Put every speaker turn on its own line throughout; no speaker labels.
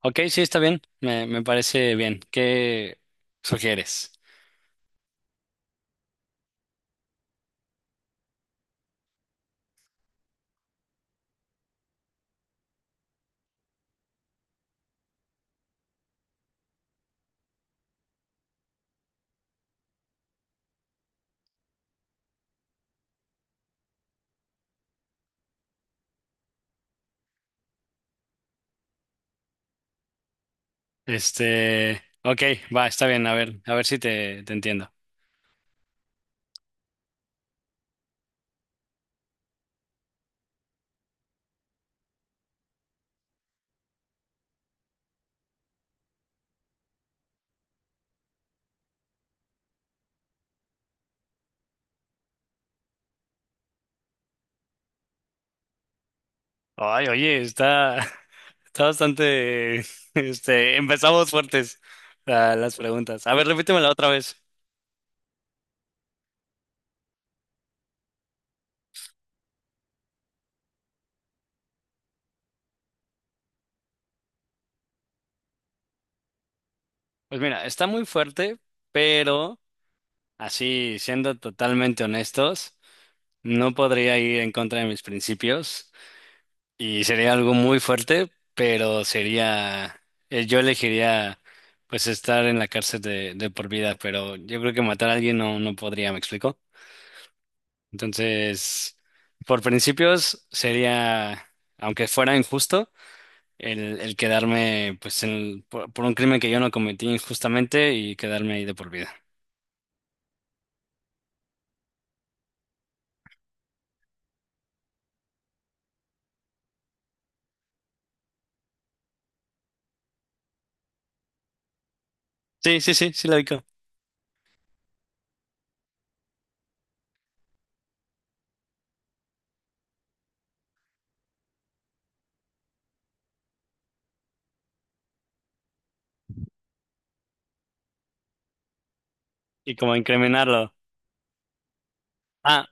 Ok, sí, está bien. Me parece bien. ¿Qué sugieres? Ok, va, está bien. A ver si te entiendo. Ay, oye, está, está bastante, empezamos fuertes las preguntas. A ver, repítemela otra vez. Pues mira, está muy fuerte, pero así, siendo totalmente honestos, no podría ir en contra de mis principios. Y sería algo muy fuerte, pero sería, yo elegiría pues estar en la cárcel de por vida, pero yo creo que matar a alguien no, no podría, ¿me explico? Entonces, por principios sería, aunque fuera injusto, el quedarme pues por un crimen que yo no cometí injustamente y quedarme ahí de por vida. Sí, sí, sí, sí lo digo. Y como incriminarlo. Ah,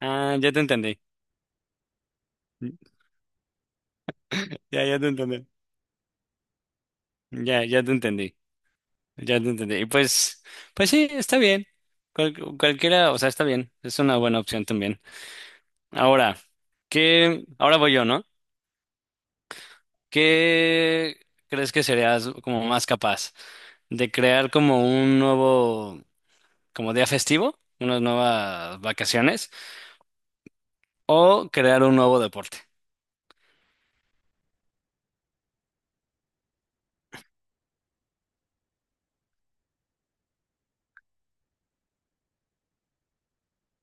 ah, ya te entendí. Ya, ya te entendí. Ya, ya te entendí. Ya te entendí. Y pues, pues sí, está bien. Cualquiera, o sea, está bien. Es una buena opción también. Ahora, ¿qué? Ahora voy yo, ¿no? ¿Qué crees que serías como más capaz de crear como un nuevo, como día festivo, unas nuevas vacaciones o crear un nuevo deporte?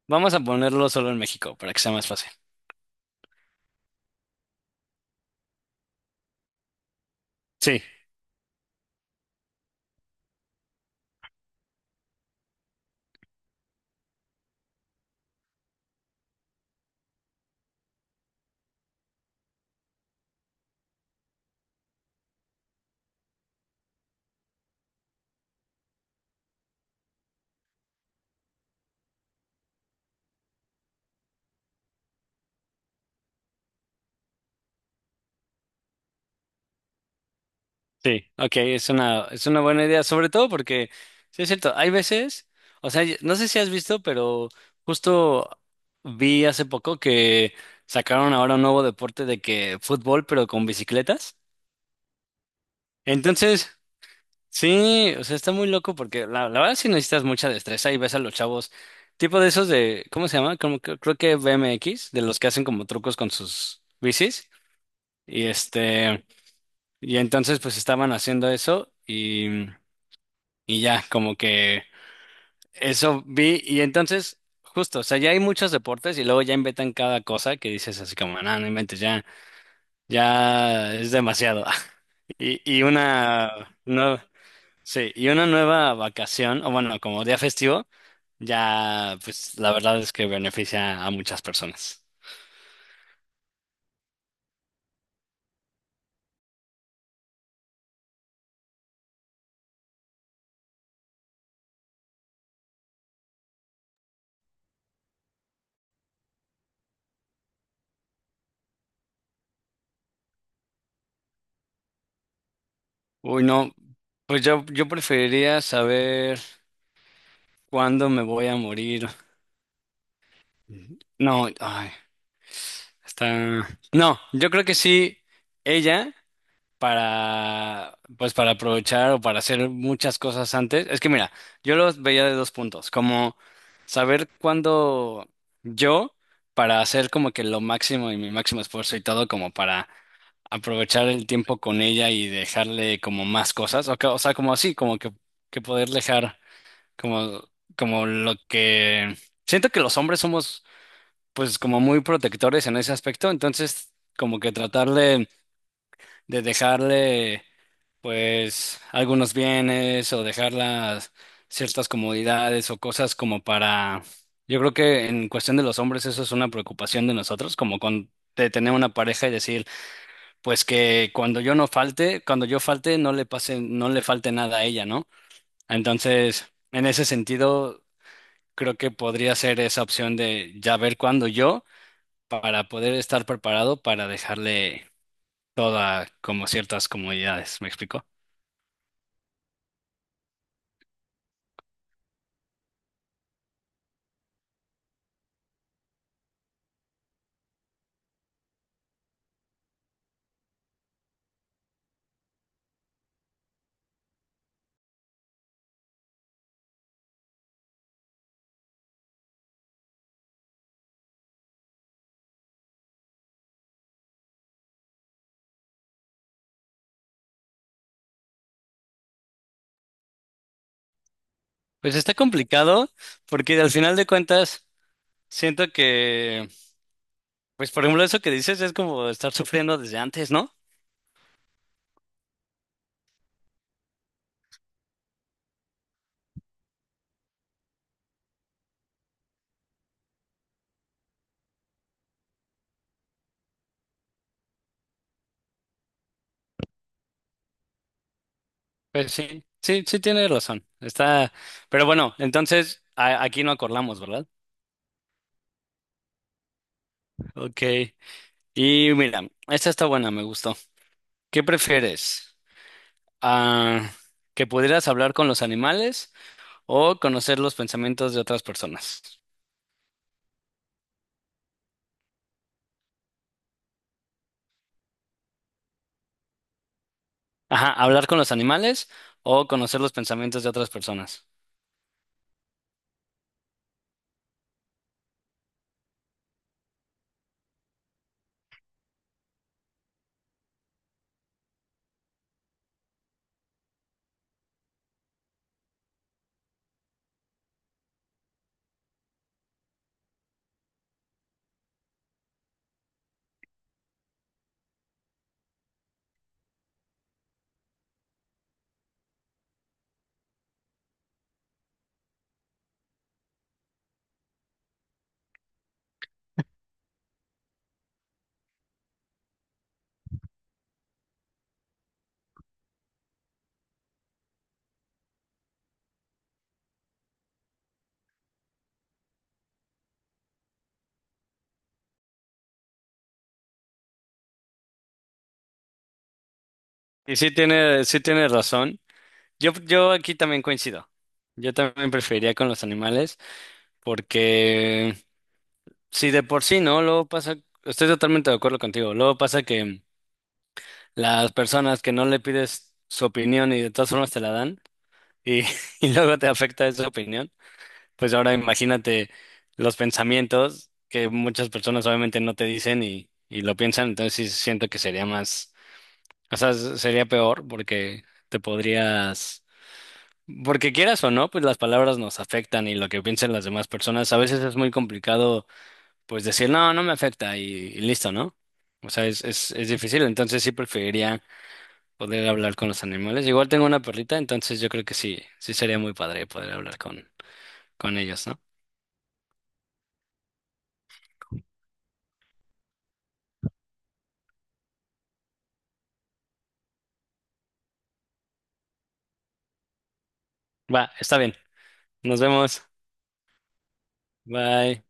Vamos a ponerlo solo en México para que sea más fácil. Sí. Sí, ok, es una buena idea, sobre todo porque, sí es cierto, hay veces, o sea, no sé si has visto, pero justo vi hace poco que sacaron ahora un nuevo deporte de que fútbol, pero con bicicletas. Entonces, sí, o sea, está muy loco porque la verdad sí necesitas mucha destreza y ves a los chavos, tipo de esos de, ¿cómo se llama? Como, creo que BMX, de los que hacen como trucos con sus bicis. Y y entonces pues estaban haciendo eso y ya, como que eso vi. Y entonces, justo, o sea, ya hay muchos deportes y luego ya inventan cada cosa que dices así como, no, no inventes, ya, ya es demasiado. Y una, no, sí, y una nueva vacación, o bueno, como día festivo, ya, pues la verdad es que beneficia a muchas personas. Uy, no, pues yo preferiría saber cuándo me voy a morir. No, ay, está. No, yo creo que sí, ella. Para, pues para aprovechar o para hacer muchas cosas antes. Es que mira, yo los veía de dos puntos, como saber cuándo yo, para hacer como que lo máximo y mi máximo esfuerzo y todo, como para aprovechar el tiempo con ella y dejarle como más cosas, o, o sea, como así, como que poder dejar como, como lo que... Siento que los hombres somos pues como muy protectores en ese aspecto, entonces como que tratarle de dejarle pues algunos bienes o dejarlas ciertas comodidades o cosas como para... Yo creo que en cuestión de los hombres eso es una preocupación de nosotros, como con de tener una pareja y decir, pues que cuando yo no falte, cuando yo falte no le pase, no le falte nada a ella, ¿no? Entonces, en ese sentido, creo que podría ser esa opción de ya ver cuándo yo para poder estar preparado para dejarle toda como ciertas comodidades, ¿me explico? Pues está complicado porque al final de cuentas siento que, pues por ejemplo eso que dices es como estar sufriendo desde antes, ¿no? Pues sí, sí, sí tienes razón. Está, pero bueno, entonces aquí no acordamos, ¿verdad? Ok. Y mira, esta está buena, me gustó. ¿Qué prefieres? Ah, ¿que pudieras hablar con los animales o conocer los pensamientos de otras personas? Ajá, hablar con los animales o conocer los pensamientos de otras personas. Y sí tiene razón. Yo aquí también coincido. Yo también preferiría con los animales porque si de por sí, ¿no? Luego pasa, estoy totalmente de acuerdo contigo. Luego pasa que las personas que no le pides su opinión y de todas formas te la dan y, y luego te afecta esa opinión. Pues ahora imagínate los pensamientos que muchas personas obviamente no te dicen y lo piensan, entonces sí siento que sería más, o sea, sería peor porque te podrías, porque quieras o no, pues las palabras nos afectan y lo que piensen las demás personas, a veces es muy complicado pues decir, no, no me afecta y listo, ¿no? O sea, es difícil, entonces sí preferiría poder hablar con los animales. Igual tengo una perrita, entonces yo creo que sí, sí sería muy padre poder hablar con ellos, ¿no? Va, está bien. Nos vemos. Bye.